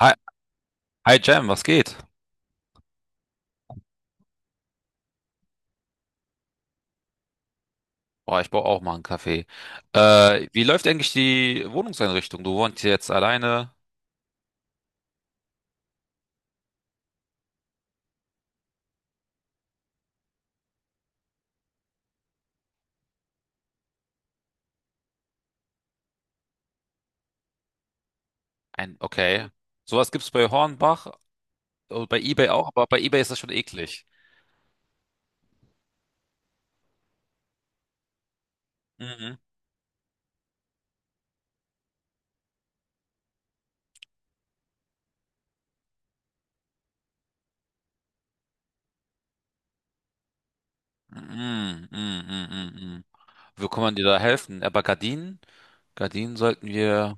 Hi, hi Jam, was geht? Boah, ich brauche auch mal einen Kaffee. Wie läuft eigentlich die Wohnungseinrichtung? Du wohnst jetzt alleine. Ein, okay. Sowas gibt's bei Hornbach, bei eBay auch, aber bei eBay ist das schon eklig. Mhm. Mhm, mhm, mhm, mhm. Wie kann man dir da helfen? Aber Gardinen? Gardinen sollten wir.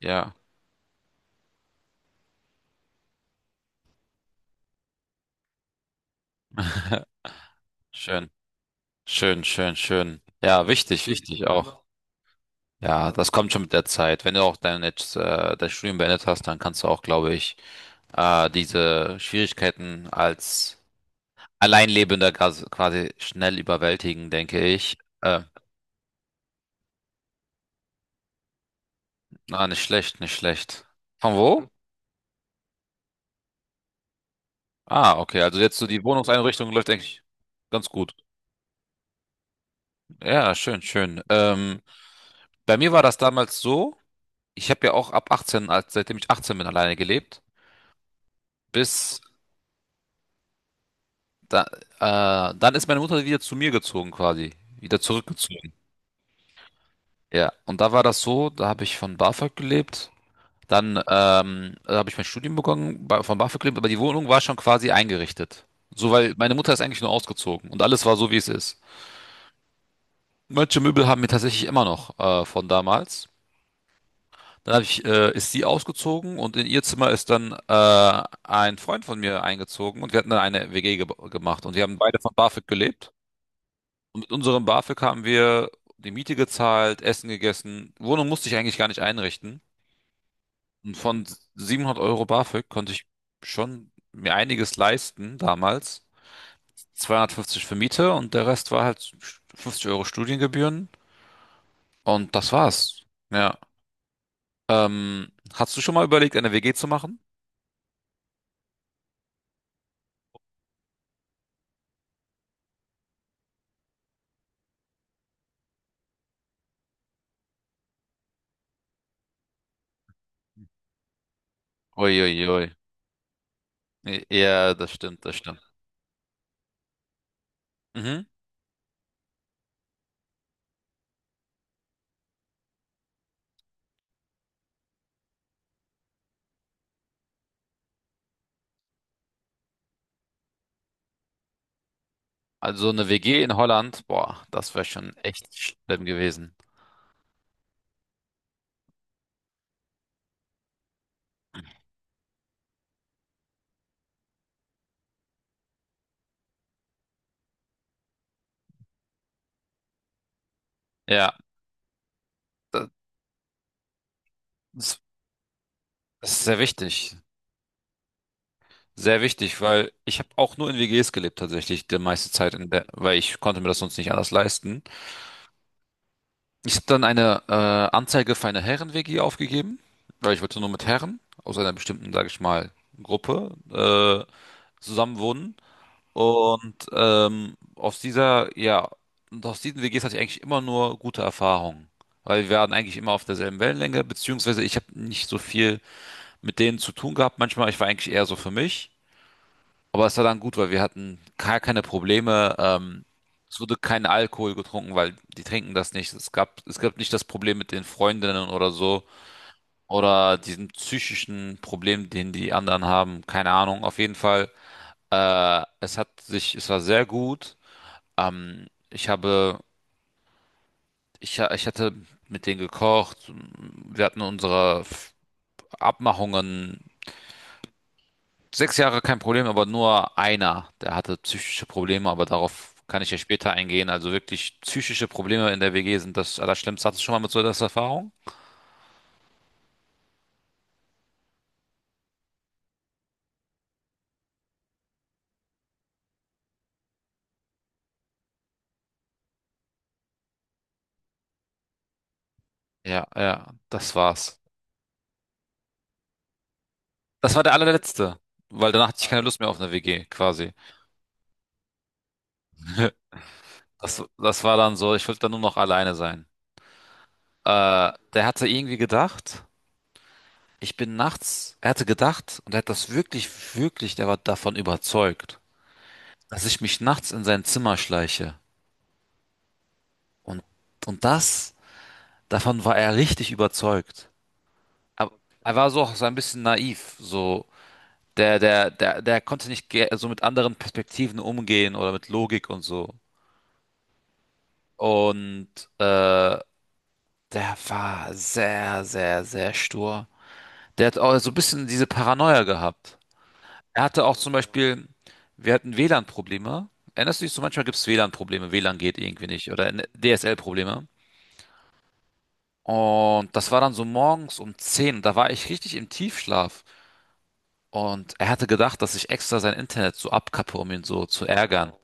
Ja. Schön. Schön, schön, schön. Ja, wichtig, wichtig auch. Ja, das kommt schon mit der Zeit. Wenn du auch dein, jetzt, dein Studium beendet hast, dann kannst du auch, glaube ich, diese Schwierigkeiten als Alleinlebender gas- quasi schnell überwältigen, denke ich. Na, nicht schlecht, nicht schlecht. Von wo? Ah, okay, also jetzt so die Wohnungseinrichtung läuft eigentlich ganz gut. Ja, schön, schön. Bei mir war das damals so, ich habe ja auch ab 18, als seitdem ich 18 bin, alleine gelebt, bis da, dann ist meine Mutter wieder zu mir gezogen quasi, wieder zurückgezogen. Ja, und da war das so, da habe ich von BAföG gelebt. Dann habe ich mein Studium begonnen bei, von BAföG, aber die Wohnung war schon quasi eingerichtet. So, weil meine Mutter ist eigentlich nur ausgezogen und alles war so, wie es ist. Manche Möbel haben wir tatsächlich immer noch von damals. Dann hab ich, ist sie ausgezogen und in ihr Zimmer ist dann ein Freund von mir eingezogen und wir hatten dann eine WG ge gemacht und wir haben beide von BAföG gelebt. Und mit unserem BAföG haben wir die Miete gezahlt, Essen gegessen. Wohnung musste ich eigentlich gar nicht einrichten. Und von 700 Euro BAföG konnte ich schon mir einiges leisten damals. 250 für Miete und der Rest war halt 50 Euro Studiengebühren. Und das war's. Ja. Hast du schon mal überlegt, eine WG zu machen? Uiuiui. Ja, das stimmt, das stimmt. Mhm. Also eine WG in Holland, boah, das wäre schon echt schlimm gewesen. Ja, das das ist sehr wichtig. Sehr wichtig, weil ich habe auch nur in WGs gelebt tatsächlich, die meiste Zeit, in der, weil ich konnte mir das sonst nicht anders leisten. Ich habe dann eine Anzeige für eine Herren-WG aufgegeben, weil ich wollte nur mit Herren aus einer bestimmten, sage ich mal, Gruppe zusammen wohnen. Und aus dieser, ja, und aus diesen WGs hatte ich eigentlich immer nur gute Erfahrungen, weil wir waren eigentlich immer auf derselben Wellenlänge, beziehungsweise ich habe nicht so viel mit denen zu tun gehabt. Manchmal, ich war eigentlich eher so für mich. Aber es war dann gut, weil wir hatten gar keine Probleme. Es wurde kein Alkohol getrunken, weil die trinken das nicht. Es gab nicht das Problem mit den Freundinnen oder so oder diesem psychischen Problem, den die anderen haben. Keine Ahnung. Auf jeden Fall, es war sehr gut. Ich habe, ich, ha- ich hatte mit denen gekocht. Wir hatten unsere Abmachungen. 6 Jahre kein Problem, aber nur einer, der hatte psychische Probleme, aber darauf kann ich ja später eingehen. Also wirklich psychische Probleme in der WG sind das Allerschlimmste. Hattest du schon mal mit so einer Erfahrung? Ja, ja, das war's. Das war der allerletzte, weil danach hatte ich keine Lust mehr auf eine WG, quasi. Das war dann so, ich wollte dann nur noch alleine sein. Äh, Der hatte irgendwie gedacht, er hatte gedacht und er hat das wirklich, wirklich, der war davon überzeugt, dass ich mich nachts in sein Zimmer schleiche. Und, und das Davon war er richtig überzeugt. Aber er war so auch so ein bisschen naiv, so der konnte nicht ge- so mit anderen Perspektiven umgehen oder mit Logik und so. Und äh, der war sehr sehr sehr stur. Der hat auch so ein bisschen diese Paranoia gehabt. Er hatte auch zum Beispiel, wir hatten WLAN-Probleme. Erinnerst du dich so, manchmal gibt es WLAN-Probleme, WLAN geht irgendwie nicht oder DSL-Probleme. Und das war dann so morgens um 10. Da war ich richtig im Tiefschlaf. Und er hatte gedacht, dass ich extra sein Internet so abkappe, um ihn so zu ärgern.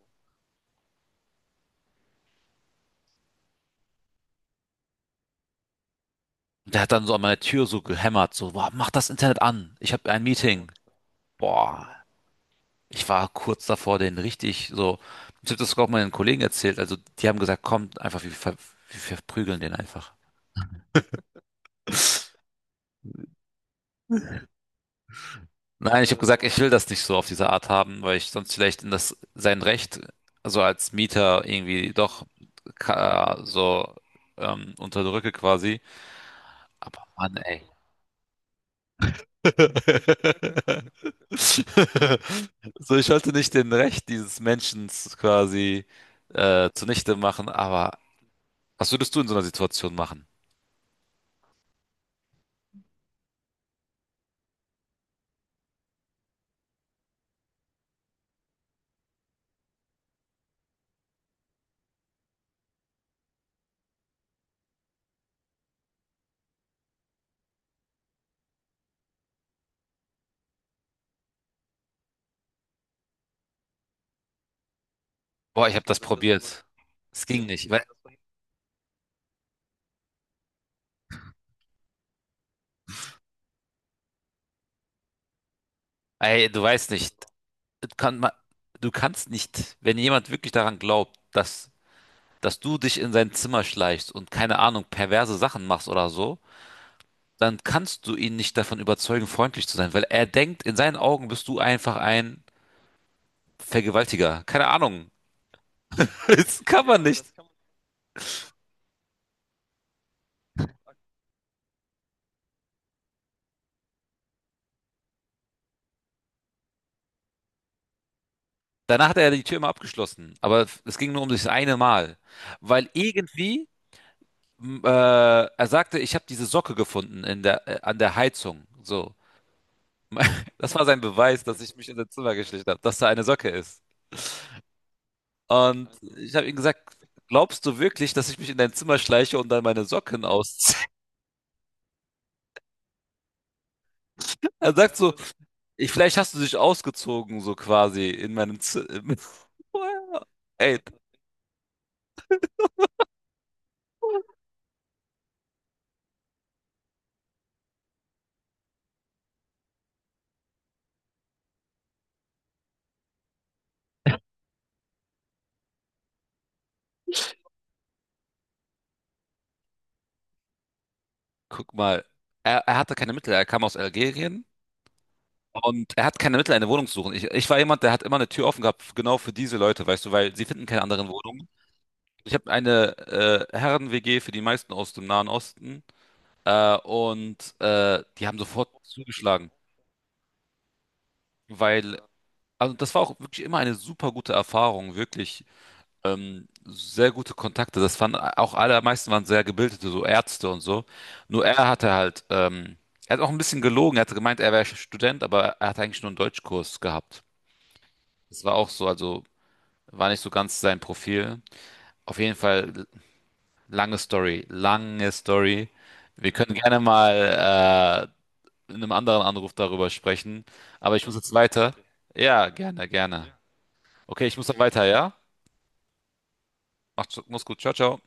Und er hat dann so an meine Tür so gehämmert, so, boah, mach das Internet an, ich habe ein Meeting. Boah, ich war kurz davor, den richtig so, ich habe das sogar auch meinen Kollegen erzählt, also die haben gesagt, kommt einfach, wir verprügeln den einfach. Nein, ich habe gesagt, ich will das nicht so auf diese Art haben, weil ich sonst vielleicht in das sein Recht, also als Mieter irgendwie doch ka- so unterdrücke quasi. Aber Mann, ey. So, ich wollte nicht den Recht dieses Menschen quasi zunichte machen, aber was würdest du in so einer Situation machen? Boah, ich habe das so probiert. Es ja, ging nicht. Ich weil, ey, du weißt nicht, das kann man, du kannst nicht, wenn jemand wirklich daran glaubt, dass du dich in sein Zimmer schleichst und keine Ahnung, perverse Sachen machst oder so, dann kannst du ihn nicht davon überzeugen, freundlich zu sein, weil er denkt, in seinen Augen bist du einfach ein Vergewaltiger. Keine Ahnung. Das kann man nicht. Danach hat er die Tür immer abgeschlossen. Aber es ging nur um das eine Mal. Weil irgendwie, er sagte, ich habe diese Socke gefunden in der, an der Heizung. So. Das war sein Beweis, dass ich mich in sein Zimmer geschlichen habe, dass da eine Socke ist. Und ich habe ihm gesagt, glaubst du wirklich, dass ich mich in dein Zimmer schleiche und dann meine Socken ausziehe? Er sagt so, ich, vielleicht hast du dich ausgezogen, so quasi in meinem Zimmer. Ey, guck mal, er hatte keine Mittel, er kam aus Algerien und er hat keine Mittel, eine Wohnung zu suchen. Ich war jemand, der hat immer eine Tür offen gehabt, genau für diese Leute, weißt du, weil sie finden keine anderen Wohnungen. Ich habe eine Herren-WG für die meisten aus dem Nahen Osten und die haben sofort zugeschlagen, weil, also das war auch wirklich immer eine super gute Erfahrung, wirklich. Sehr gute Kontakte. Das fanden auch allermeisten waren sehr gebildete, so Ärzte und so. Nur er hatte halt, er hat auch ein bisschen gelogen. Er hatte gemeint, er wäre Student, aber er hat eigentlich nur einen Deutschkurs gehabt. Das war auch so, also war nicht so ganz sein Profil. Auf jeden Fall lange Story, lange Story. Wir können gerne mal in einem anderen Anruf darüber sprechen. Aber ich muss jetzt weiter. Ja, gerne, gerne. Okay, ich muss dann weiter, ja? Macht's, mach's gut. Ciao, ciao.